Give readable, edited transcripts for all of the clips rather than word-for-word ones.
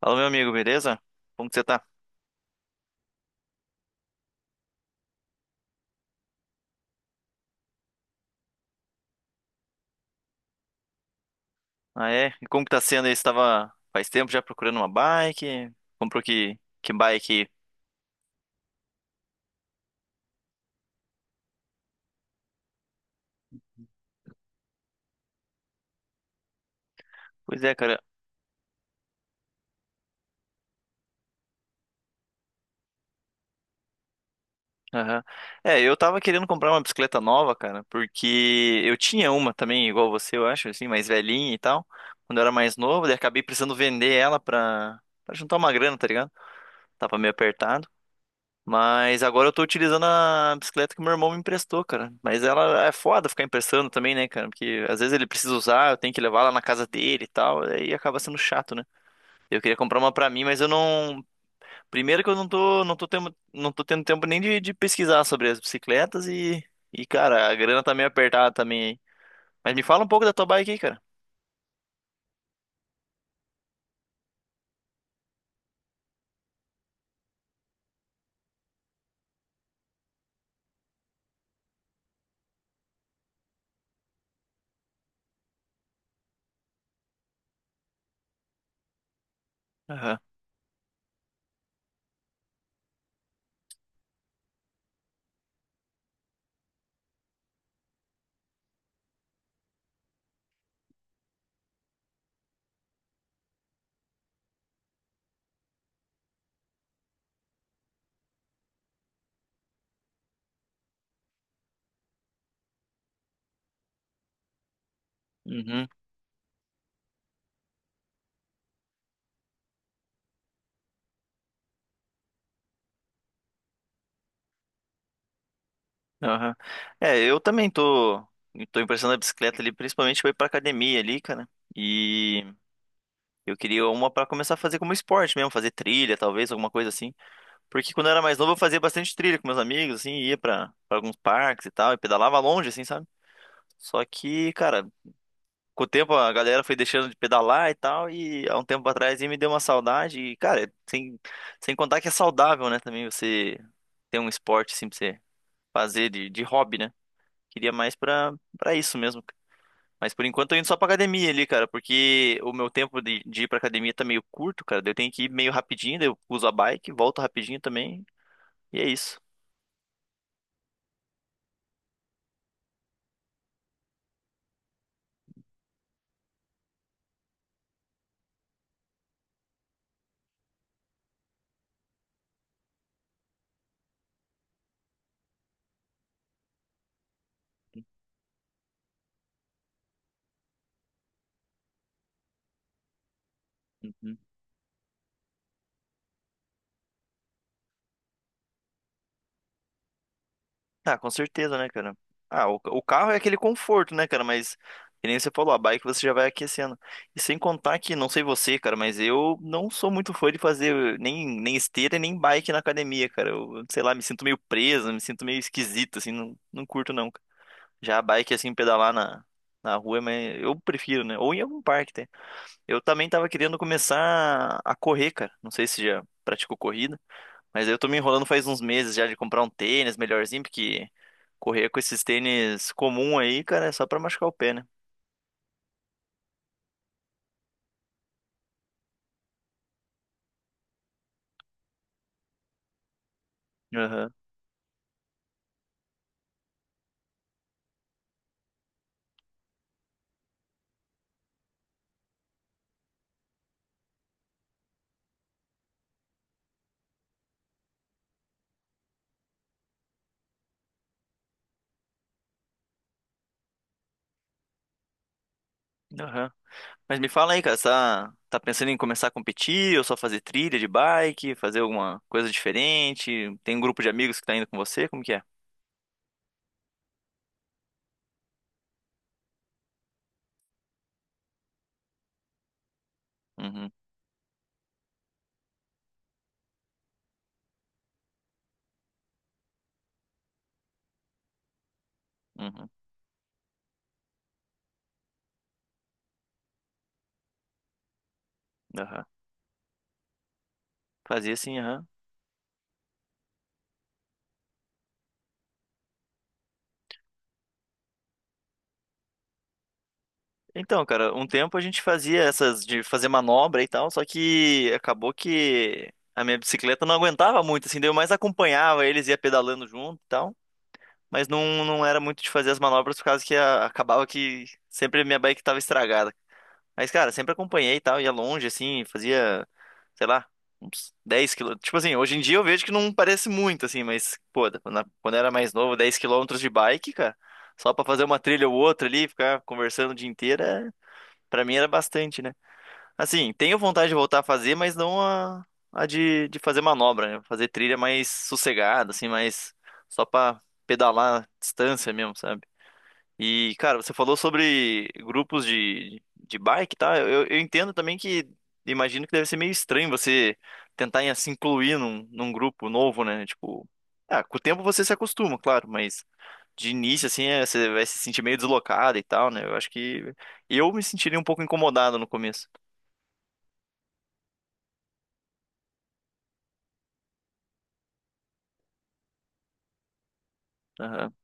Fala, meu amigo, beleza? Como que você tá? Ah, é? E como que tá sendo aí? Você tava faz tempo já procurando uma bike? Comprou que bike? Pois é, cara. Aham. É, eu tava querendo comprar uma bicicleta nova, cara, porque eu tinha uma também, igual você, eu acho, assim, mais velhinha e tal, quando eu era mais novo, daí acabei precisando vender ela pra juntar uma grana, tá ligado? Tava meio apertado. Mas agora eu tô utilizando a bicicleta que meu irmão me emprestou, cara. Mas ela é foda ficar emprestando também, né, cara? Porque às vezes ele precisa usar, eu tenho que levar lá na casa dele e tal, aí acaba sendo chato, né? Eu queria comprar uma pra mim, mas eu não. Primeiro que eu não tô tendo tempo nem de pesquisar sobre as bicicletas e, cara, a grana tá meio apertada também aí. Mas me fala um pouco da tua bike aí, cara. Aham. Uhum. Aham. É, eu também tô emprestando a bicicleta ali, principalmente pra ir pra academia ali, cara. E. Eu queria uma pra começar a fazer como esporte mesmo, fazer trilha, talvez, alguma coisa assim. Porque quando eu era mais novo, eu fazia bastante trilha com meus amigos, assim, ia pra alguns parques e tal, e pedalava longe, assim, sabe? Só que, cara, com o tempo a galera foi deixando de pedalar e tal, e há um tempo atrás aí me deu uma saudade, e, cara, sem contar que é saudável, né, também você ter um esporte, assim, pra você fazer de hobby, né? Queria mais pra isso mesmo. Mas por enquanto eu tô indo só pra academia ali, cara, porque o meu tempo de ir pra academia tá meio curto, cara. Daí Eu tenho que ir meio rapidinho, daí eu uso a bike, volto rapidinho também, e é isso. Uhum. Ah, com certeza, né, cara? Ah, o carro é aquele conforto, né, cara? Mas, que nem você falou, a bike você já vai aquecendo. E sem contar que, não sei você, cara, mas eu não sou muito fã de fazer nem esteira e nem bike na academia, cara. Eu, sei lá, me sinto meio preso, me sinto meio esquisito, assim, não, não curto, não. Já a bike, assim, pedalar na rua, mas eu prefiro, né? Ou em algum parque, tem. Eu também tava querendo começar a correr, cara. Não sei se já praticou corrida, mas eu tô me enrolando faz uns meses já de comprar um tênis melhorzinho, porque correr com esses tênis comum aí, cara, é só pra machucar o pé, né? Aham, aham. Mas me fala aí, cara, você tá pensando em começar a competir ou só fazer trilha de bike, fazer alguma coisa diferente? Tem um grupo de amigos que tá indo com você? Como que é? Uhum, uhum, aham. Fazia assim, aham. Então, cara, um tempo a gente fazia essas de fazer manobra e tal, só que acabou que a minha bicicleta não aguentava muito, assim, daí eu mais acompanhava eles, ia pedalando junto e tal, mas não, não era muito de fazer as manobras por causa que acabava que sempre a minha bike tava estragada. Mas, cara, sempre acompanhei e tal, ia longe, assim, fazia, sei lá, uns 10 quilômetros. Tipo assim, hoje em dia eu vejo que não parece muito, assim, mas, pô, quando eu era mais novo, 10 quilômetros de bike, cara, só pra fazer uma trilha ou outra ali, ficar conversando o dia inteiro. Pra mim era bastante, né? Assim, tenho vontade de voltar a fazer, mas não a de fazer manobra, né? Fazer trilha mais sossegada, assim, mais só pra pedalar a distância mesmo, sabe? E, cara, você falou sobre grupos de bike, tá? Eu entendo também que, imagino que deve ser meio estranho você tentar se incluir num grupo novo, né? Tipo, ah, com o tempo você se acostuma, claro, mas de início, assim, é, você vai se sentir meio deslocado e tal, né? Eu acho que eu me sentiria um pouco incomodado no começo. Aham.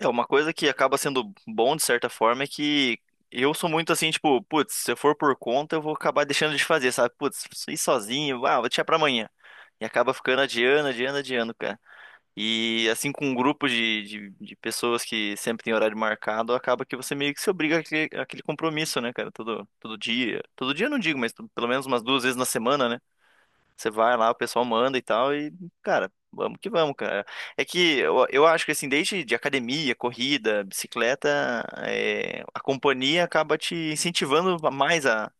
É, uma coisa que acaba sendo bom de certa forma é que eu sou muito assim, tipo, putz, se eu for por conta, eu vou acabar deixando de fazer, sabe? Putz, isso eu sozinho, ah, vou deixar pra amanhã. E acaba ficando adiando, adiando, adiando, cara. E assim, com um grupo de pessoas que sempre tem horário marcado, acaba que você meio que se obriga àquele compromisso, né, cara? Todo dia. Todo dia eu não digo, mas pelo menos umas duas vezes na semana, né? Você vai lá, o pessoal manda e tal, e, cara, vamos que vamos, cara. É que eu acho que, assim, desde de academia, corrida, bicicleta, é, a companhia acaba te incentivando mais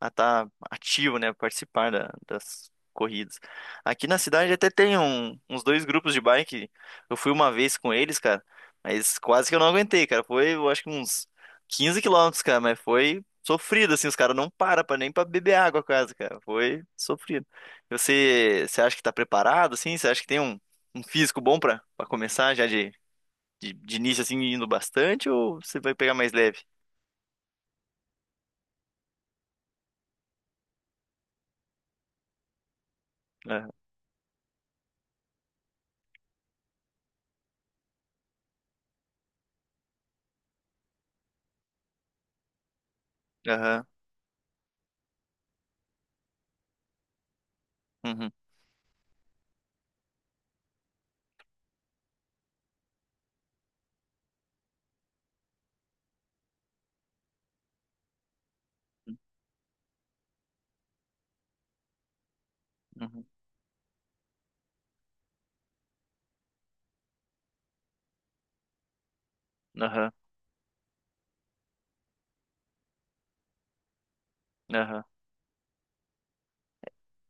a estar ativo, né, participar das corridas. Aqui na cidade até tem uns dois grupos de bike. Eu fui uma vez com eles, cara, mas quase que eu não aguentei, cara. Foi, eu acho que uns 15 quilômetros, cara, mas foi sofrido, assim, os caras não param pra, nem pra beber água quase, cara. Foi sofrido. E você acha que tá preparado, assim? Você acha que tem um físico bom pra começar já de início, assim, indo bastante, ou você vai pegar mais leve? Aham, aham, uhum, uhum, aham, aham.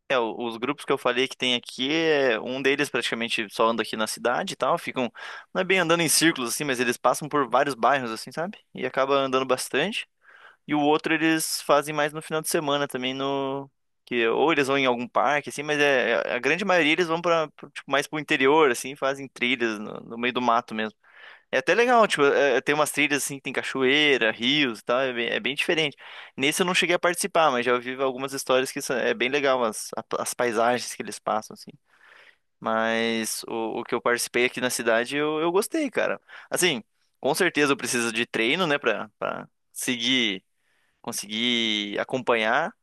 É, os grupos que eu falei que tem aqui, é, um deles praticamente só anda aqui na cidade e tal, ficam, não é bem andando em círculos assim, mas eles passam por vários bairros assim, sabe? E acaba andando bastante. E o outro eles fazem mais no final de semana também no que ou eles vão em algum parque assim, mas é a grande maioria eles vão para tipo mais pro interior assim, fazem trilhas no meio do mato mesmo. É até legal, tipo, é, tem umas trilhas assim que tem cachoeira, rios e tal, é bem diferente. Nesse eu não cheguei a participar, mas já ouvi algumas histórias que é bem legal as paisagens que eles passam, assim. Mas o que eu participei aqui na cidade eu gostei, cara. Assim, com certeza eu preciso de treino, né, pra seguir, conseguir acompanhar,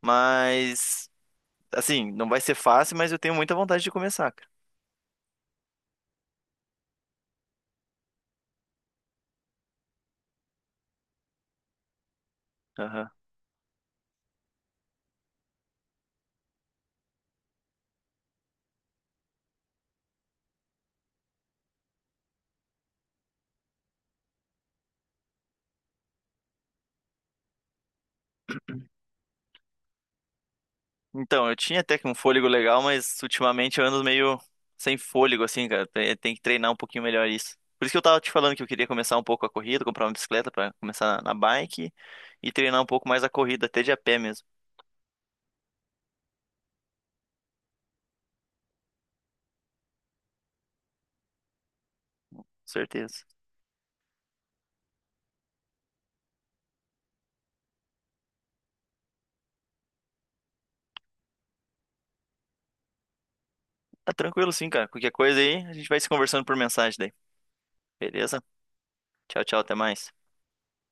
mas assim, não vai ser fácil, mas eu tenho muita vontade de começar, cara. Então, eu tinha até que um fôlego legal, mas ultimamente eu ando meio sem fôlego, assim, cara. Tem tem que treinar um pouquinho melhor isso. Por isso que eu tava te falando que eu queria começar um pouco a corrida, comprar uma bicicleta pra começar na bike e treinar um pouco mais a corrida, até de a pé mesmo, com certeza. Tá tranquilo sim, cara. Qualquer coisa aí, a gente vai se conversando por mensagem daí. Beleza? Tchau, tchau, até mais.